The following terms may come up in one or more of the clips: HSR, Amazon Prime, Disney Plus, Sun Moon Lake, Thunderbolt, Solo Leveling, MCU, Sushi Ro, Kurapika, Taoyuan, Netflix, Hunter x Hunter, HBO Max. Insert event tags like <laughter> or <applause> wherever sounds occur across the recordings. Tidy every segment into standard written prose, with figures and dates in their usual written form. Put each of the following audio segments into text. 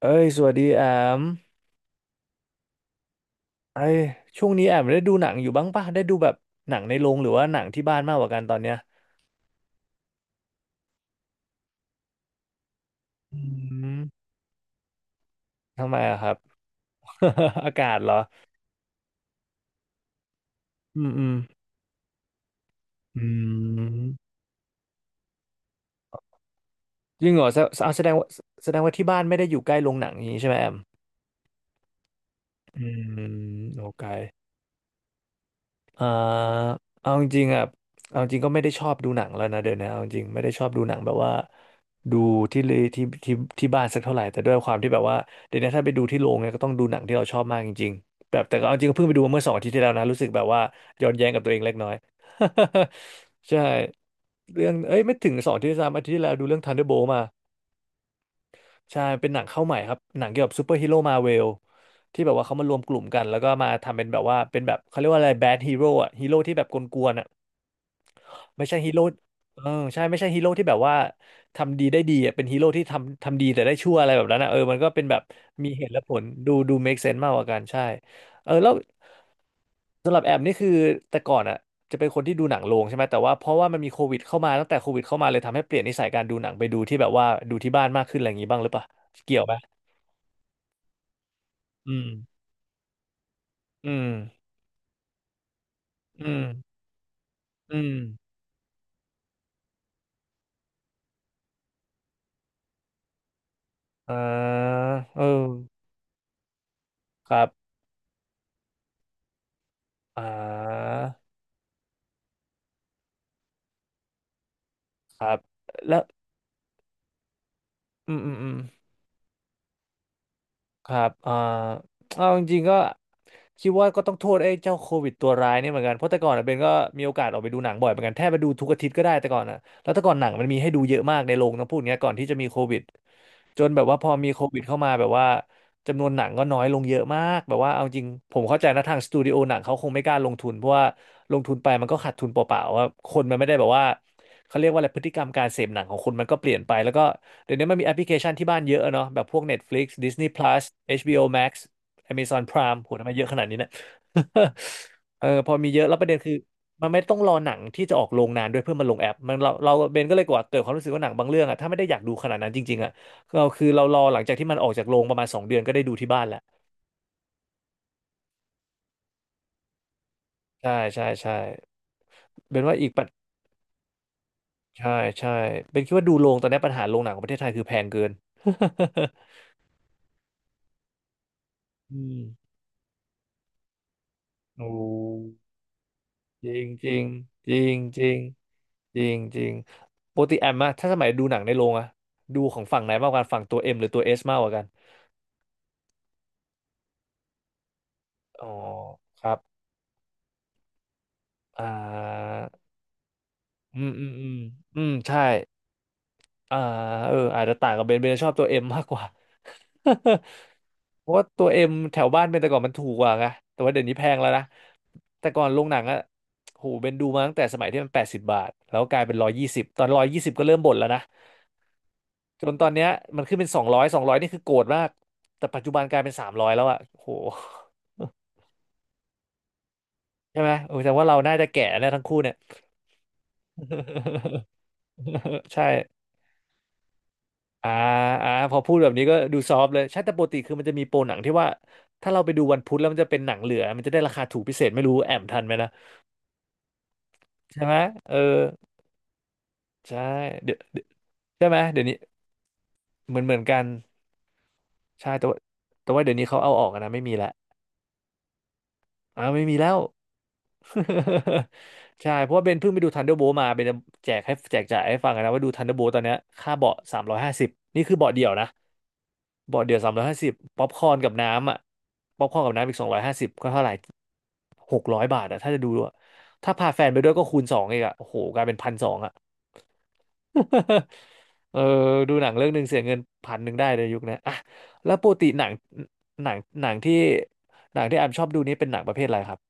เอ้ยสวัสดีแอมเอ้ยช่วงนี้แอมได้ดูหนังอยู่บ้างป่ะได้ดูแบบหนังในโรงหรือว่าหนังที่บ้านมากกว่ากันตอนเนี้ยอืมทำไมอะครับ <laughs> อากาศเหรออืมอืมอืมจริงเหรอแสดงว่าที่บ้านไม่ได้อยู่ใกล้โรงหนังอย่างนี้ใช่ไหมแอมอืมโอเค อ่าเอาจริงๆอ่ะเอาจริงก็ไม่ได้ชอบดูหนังแล้วนะเดี๋ยวนี้เอาจริงไม่ได้ชอบดูหนังแบบว่าดูที่เลยที่ที่ที่บ้านสักเท่าไหร่แต่ด้วยความที่แบบว่าเดี๋ยวนี้ถ้าไปดูที่โรงเนี่ยก็ต้องดูหนังที่เราชอบมากจริงๆแบบแต่ก็เอาจริงก็เพิ่งไปดูมาเมื่อสองอาทิตย์ที่แล้วนะรู้สึกแบบว่าย้อนแย้งกับตัวเองเล็กน้อย <laughs> ใช่เรื่องเอ้ยไม่ถึงสองอาทิตย์สามอาทิตย์ที่แล้วดูเรื่อง Thunderbolt มา ใช่เป็นหนังเข้าใหม่ครับหนังเกี่ยวกับซูเปอร์ฮีโร่มาเวลที่แบบว่าเขามารวมกลุ่มกันแล้วก็มาทำเป็นแบบว่าเป็นแบบเขาเรียกว่าอะไรแบดฮีโร่อะฮีโร่ที่แบบกวนๆอะไม่ใช่ฮีโร่เออใช่ไม่ใช่ฮีโร่ที่แบบว่าทำดีได้ดีอะเป็นฮีโร่ที่ทำดีแต่ได้ชั่วอะไรแบบนั้นอะเออมันก็เป็นแบบมีเหตุและผลดู make sense มากกว่ากันใช่เออแล้วสำหรับแอมนี่คือแต่ก่อนอะจะเป็นคนที่ดูหนังโรงใช่ไหมแต่ว่าเพราะว่ามันมีโควิดเข้ามาตั้งแต่โควิดเข้ามาเลยทำให้เปลี่ยนนิสัยการดูหนังไปดูที่แบบว่าดูที่บ้านมากขึ้นอะไรอย่างงี้บ้างหรือเปล่าเกี่ยวไหมอืม อืมอืมอืมอ่าเออครับอ่าครับแล้วอืมอืมอืม ครับอ่าเอาจริงๆก็คิดว่าก็ต้องโทษไอ้เจ้าโควิดตัวร้ายเนี่ยเหมือนกัน เพราะแต่ก่อนอะเบนก็มีโอกาสออกไปดูหนังบ่อยเหมือนกันแทบไปดูทุกอาทิตย์ก็ได้แต่ก่อนนะแล้วแต่ก่อนหนังมันมีให้ดูเยอะมากในโรงต้องพูดอย่างเงี้ยก่อนที่จะมีโควิดจนแบบว่าพอมีโควิดเข้ามาแบบว่าจำนวนหนังก็น้อยลงเยอะมากแบบว่าเอาจริงผมเข้าใจนะทางสตูดิโอหนังเขาคงไม่กล้าลงทุนเพราะว่าลงทุนไปมันก็ขาดทุนเปล่าๆว่าคนมันไม่ได้แบบว่าเขาเรียกว่าอะไรพฤติกรรมการเสพหนังของคนมันก็เปลี่ยนไปแล้วก็ เดี๋ยวนี้มันมีแอปพลิเคชันที่บ้านเยอะอะเนาะแบบพวก Netflix Disney Plus HBO Max Amazon Prime โหทำไมเยอะขนาดนี้เนี่ย <laughs> เออพอมีเยอะแล้วประเด็นคือมันไม่ต้องรอหนังที่จะออกโรงนานด้วยเพื่อมาลงแอปมันเราเบนก็เลยกว่าเกิดความรู้สึกว่าหนังบางเรื่องอะถ้าไม่ได้อยากดูขนาดนั้นจริงๆอะเราคือเรารอหลังจากที่มันออกจากโรงประมาณสองเดือนก็ได้ดูที่บ้านแล้วใช่เบนว่าอีกปัจใช่ใช่เบนคิดว่าดูโรงตอนนี้ปัญหาโรงหนังของประเทศไทยคือแพงเกิน <laughs> อืมโอ้ จริงจริงจริงจริงจริงจริงปกติแอมอะถ้าสมัยดูหนังในโรงอะดูของฝั่งไหนมากกว่ากันฝั่งตัวเอ็มหรือตัวเอสมากกว่ากันอ๋อครับอ่าอืมอืมอืมอืมใช่อ่าเอออาจจะต่างกับเบนเบนชอบตัวเอ็มมากกว่า <laughs> เพราะว่าตัวเอ็มแถวบ้านเบนแต่ก่อนมันถูกกว่าไงแต่ว่าเดี๋ยวนี้แพงแล้วนะแต่ก่อนโรงหนังอะโหเบนดูมาตั้งแต่สมัยที่มันแปดสิบบาทแล้วกลายเป็นร้อยยี่สิบตอนร้อยยี่สิบก็เริ่มบ่นแล้วนะ จนตอนเนี้ยมันขึ้นเป็นสองร้อยสองร้อยนี่คือโกรธมากแต่ปัจจุบันกลายเป็นสามร้อยแล้วอ่ะโหใช่ไหมโอ้ยแต่ว่าเราน่าจะแก่แล้วทั้งคู่เนี่ย <laughs> ใช่อ่าอ่าพอพูดแบบนี้ก็ดูซอฟต์เลยใช่แต่ปกติคือมันจะมีโปรหนังที่ว่าถ้าเราไปดูวันพุธแล้วมันจะเป็นหนังเหลือมันจะได้ราคาถูกพิเศษไม่รู้แอมทันไหมนะใช่ไหมเออใช่เดี๋ยวใช่ไหมเดี๋ยวนี้เหมือนกันใช่แต่ว่าเดี๋ยวนี้เขาเอาออกอะนะไม่มีละอ่าไม่มีแล้ว <laughs> ใช่เพราะว่าเบนเพิ่งไปดู Thunderbolt มาเบนจะแจกให้แจกจ่ายให้ฟังกันนะว่าดู Thunderbolt ตอนเนี้ยค่าเบาะสามร้อยห้าสิบนี่คือเบาะเดี่ยวนะเบาะเดี่ยวสามร้อยห้าสิบป๊อปคอร์นกับน้ำอ่ะป๊อปคอร์นกับน้ำอีก250ก็เท่าไหร่600 บาทอ่ะถ้าจะดูด้วยถ้าพาแฟนไปด้วยก็คูณสองอีกอ่ะโอ้โหกลายเป็น1,200อ่ะ <laughs> เออดูหนังเรื่องหนึ่งเสียเงิน1,100ได้เลยยุคนี้อ่ะแล้วปกติหนังหนังหนังที่หนังที่แอมชอบดูนี่เป็นหนังประเภทอะไรครับ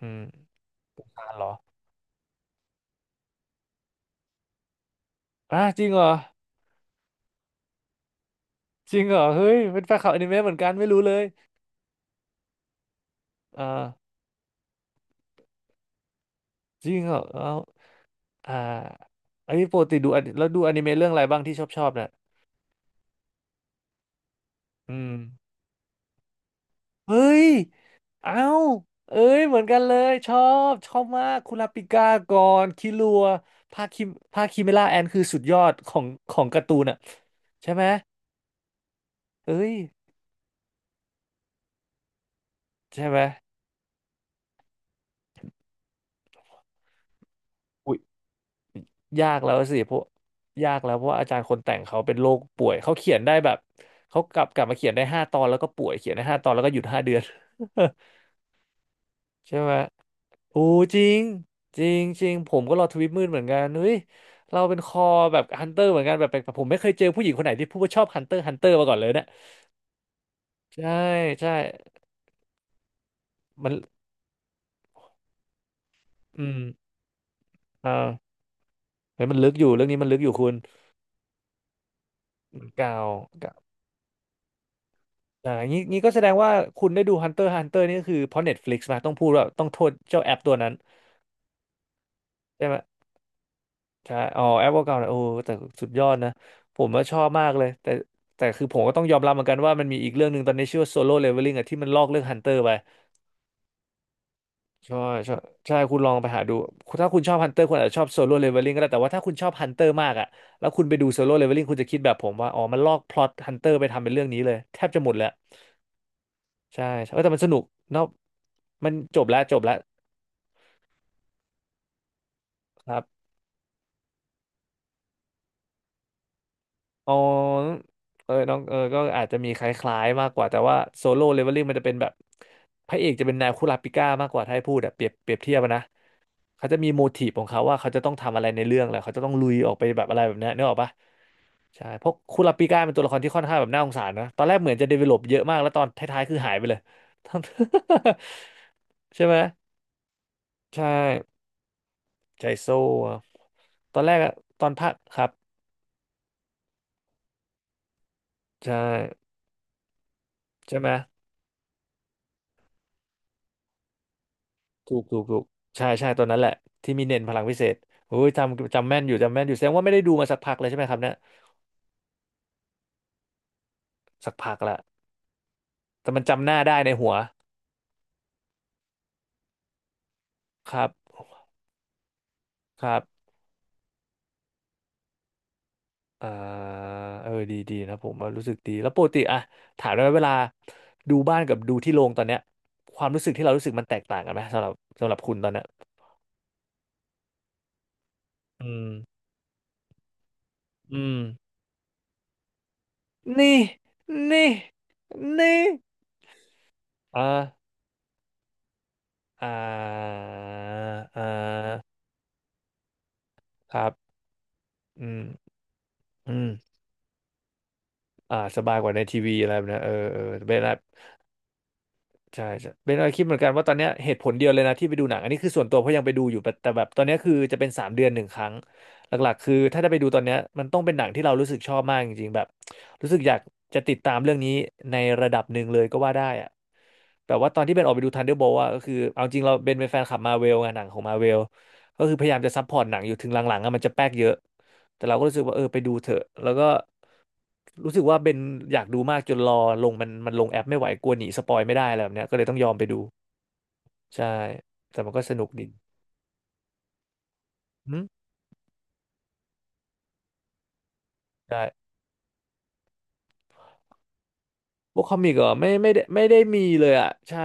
อืมอ่านเหรออ่ะจริงเหรอ จริงเหรอเฮ้ยเป็นแฟนคลับอนิเมะเหมือนกันไม่รู้เลยอ่าจริงเหรอเอาอ่าอันนี้ปกติดูอนิเมะเรื่องอะไรบ้างที่ชอบน่ะอืมเฮ้ยเอ้าเอ้ยเหมือนกันเลยชอบมากคุราปิก้าก่อนคิรัวภาคคิภาคคิเมล่าแอนคือสุดยอดของของการ์ตูนอ่ะใช่ไหมเอ้ยใช่ไหม ยากแล้วสิเพราะยากแล้วเพราะว่าอาจารย์คนแต่งเขาเป็นโรคป่วยเขาเขียนได้แบบเขากลับมาเขียนได้ห้าตอนแล้วก็ป่วยเขียนได้ห้าตอนแล้วก็หยุด5 เดือน <laughs> ใช่ไหมโอ้จริงจริงจริงผมก็รอทวิตมืดเหมือนกันเฮ้ยเราเป็นคอแบบฮันเตอร์เหมือนกันแบบแปลกๆผมไม่เคยเจอผู้หญิงคนไหนที่พูดว่าชอบฮันเตอร์ฮันเตอร์มาก่อนเลยเนี่ยใช่ใช่มันอืมอ่าเฮ้ยมันลึกอยู่เรื่องนี้มันลึกอยู่คุณเก่า อ่างี้งี้ก็แสดงว่าคุณได้ดู Hunter x Hunter นี่ก็คือเพราะ Netflix มาต้องพูดว่าต้องโทษเจ้าแอปตัวนั้นใช่ไหมใช่อ๋อแอปเก่าๆนะโอ้แต่สุดยอดนะผมว่าชอบมากเลยแต่คือผมก็ต้องยอมรับเหมือนกันว่ามันมีอีกเรื่องหนึ่งตอนนี้ชื่อว่า Solo Leveling อะที่มันลอกเรื่อง Hunter ไปใช่ใช่ใช่คุณลองไปหาดูถ้าคุณชอบ Hunter คุณอาจจะชอบ Solo Leveling ก็ได้แต่ว่าถ้าคุณชอบ Hunter มากอะแล้วคุณไปดูโซโล่เลเวลลิ่งคุณจะคิดแบบผมว่าอ๋อมันลอกพล็อตฮันเตอร์ไปทำเป็นเรื่องนี้เลยแทบจะหมดแล้วใช่ใช่เออแต่มันสนุกเนาะมันจบแล้วจบแล้วครับ อ๋อเออน้องเออก็อาจจะมีคล้ายๆมากกว่าแต่ว่าโซโล่เลเวลลิ่งมันจะเป็นแบบพระเอกจะเป็นนายคุราปิก้ามากกว่าถ้าให้พูดอะเปรียบเทียบอะนะเขาจะมีโมทีฟของเขาว่าเขาจะต้องทำอะไรในเรื่องแหละเขาจะต้องลุยออกไปแบบอะไรแบบเนี้ยนึกออกปะใช่เพราะคุราปิก้าเป็นตัวละครที่ค่อนข้างแบบน่าสงสารนะตอนแรกเหมือนจะเดเวลลอปเยอะมากแล้วตอนท้ายๆคือหายไปเลย <laughs> ใช่ไหมใช่ใจโซ่อะตอนแรกอะตอนภาคครับใช่ใช่ไหม ถูกถูกถูกใช่ใช่ตัวนั้นแหละที่มีเน้นพลังพิเศษโอ้ยจำแม่นอยู่จำแม่นอยู่แสดงว่าไม่ได้ดูมาสักพักเลยใช่ไหมครับเนี่ยสักพักละแต่มันจำหน้าได้ในหัวครับครับอ่าเออดีดีนะผมว่ารู้สึกดีแล้วปกติอะถามได้ไหมเวลาดูบ้านกับดูที่โรงตอนเนี้ยความรู้สึกที่เรารู้สึกมันแตกต่างกันไหมสำหรับคุณตอนเนี้ยอืมอืมนี่นี่นี่อ่าอ่าอ่าครับอืมอืม อ่าสบายกว่าในทีวีอะไรแบบเนี้ยเออเออเบนอะใช่ใช่เบนอะคิดเหมือนกันว่าตอนเนี้ยเหตุผลเดียวเลยนะที่ไปดูหนังอันนี้คือส่วนตัวเพราะยังไปดูอยู่แต่แบบตอนเนี้ยคือจะเป็น3 เดือนหนึ่งครั้งหลักๆคือถ้าได้ไปดูตอนเนี้ยมันต้องเป็นหนังที่เรารู้สึกชอบมากจริงๆแบบรู้สึกอยากจะติดตามเรื่องนี้ในระดับหนึ่งเลยก็ว่าได้อะแบบว่าตอนที่เบนออกไปดู Thunderbolt อะก็คือเอาจริงเราเบนเป็นแฟนคลับมาเวลไงหนังของมาเวลก็คือพยายามจะซัพพอร์ตหนังอยู่ถึงหลังๆอะมันจะแป๊กเยอะ แต่เราก็รู้สึกว่าเออไปดูเถอะแล้วก็รู้สึกว่าเบนอยากดูมากจนรอลงมันลงแอปไม่ไหวกลัวหนีสปอยไม่ได้อะไรแบบเนี้ยก็เลยต้องยอมไปดูใช่แต่มันก็สนุกดีอืมใช่พวกคอมิกเหรอไม่ได้ไม่ได้มีเลยอ่ะใช่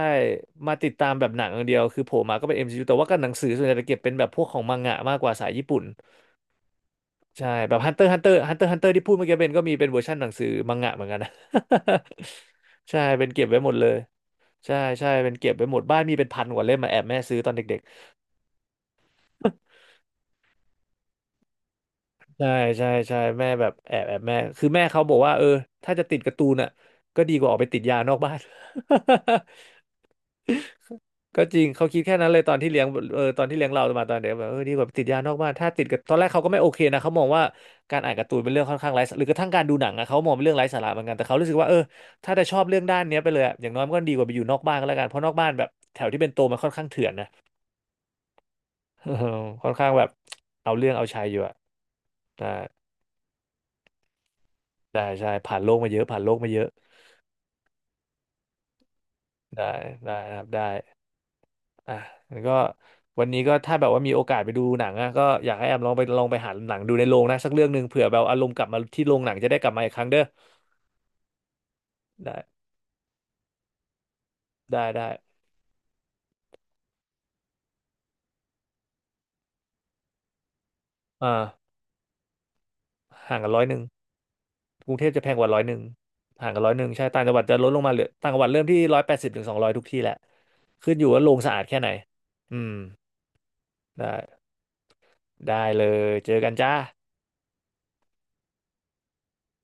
มาติดตามแบบหนังอย่างเดียวคือโผล่มาก็เป็น MCU แต่ว่ากับหนังสือส่วนใหญ่จะเก็บเป็นแบบพวกของมังงะมากกว่าสายญี่ปุ่นใช่แบบ Hunter Hunter ที่พูดเมื่อกี้เบนก็มีเป็นเวอร์ชันหนังสือมังงะเหมือนกันนะ <laughs> ใช่เป็นเก็บไว้หมดเลย ใช่ใช่เป็นเก็บไปหมดบ้านมีเป็นพันกว่าเล่มมาแอบแม่ซื้อตอนเด็กๆ <laughs> ใช่ใช่ใช่แม่แบบแอบแม่คือแม่เขาบอกว่าเออถ้าจะติดการ์ตูนอ่ะก็ดีกว่าออกไปติดยานอกบ้าน <laughs> ก็จริงเขาคิดแค่นั้นเลยตอนที่เลี้ยงเออตอนที่เลี้ยงเรามาตอนเด็กแบบเออดีกว่าไปติดยานอกบ้านถ้าติดกับตอนแรกเขาก็ไม่โอเคนะเขามองว่าการอ่านการ์ตูนเป็นเรื่องค่อนข้างไร้สาระหรือกระทั่งการดูหนังอะเขามองเป็นเรื่องไร้สาระเหมือนกันแต่เขารู้สึกว่าเออถ้าจะชอบเรื่องด้านเนี้ยไปเลยอะอย่างน้อยมันก็ดีกว่าไปอยู่นอกบ้านก็แล้วกันเพราะนอกบ้านแบบแถวที่เป็นโตมันค่อนข้างเถื่อนนะ <laughs> เออค่อนข้างแบบเอาเรื่องเอาชัยอยู่อะได้ได้ใช่ผ่านโลกมาเยอะผ่านโลกมาเยอะได้ได้นะครับได้อ่ะแล้วก็วันนี้ก็ถ้าแบบว่ามีโอกาสไปดูหนังอะก็อยากให้แอมลองไปลองไปหาหนังดูในโรงนะสักเรื่องหนึ่งเผื่อแบบอารมณ์กลับมาที่โรงหนังจะได้กลับมาอีกครั้งเด้อได้ได้ได้อ่าห่างกันร้อยหนึ่งกรุงเทพจะแพงกว่าร้อยหนึ่งห่างกันร้อยหนึ่งใช่ต่างจังหวัดจะลดลงมาเหลือต่างจังหวัดเริ่มที่ร้อยแปดสิบถึงสองร้อยทุกที่แหละขึ้นอยู่ว่าโรงสะอาดแค่ไหนอืมได้ได้เลยเจอกันจ้า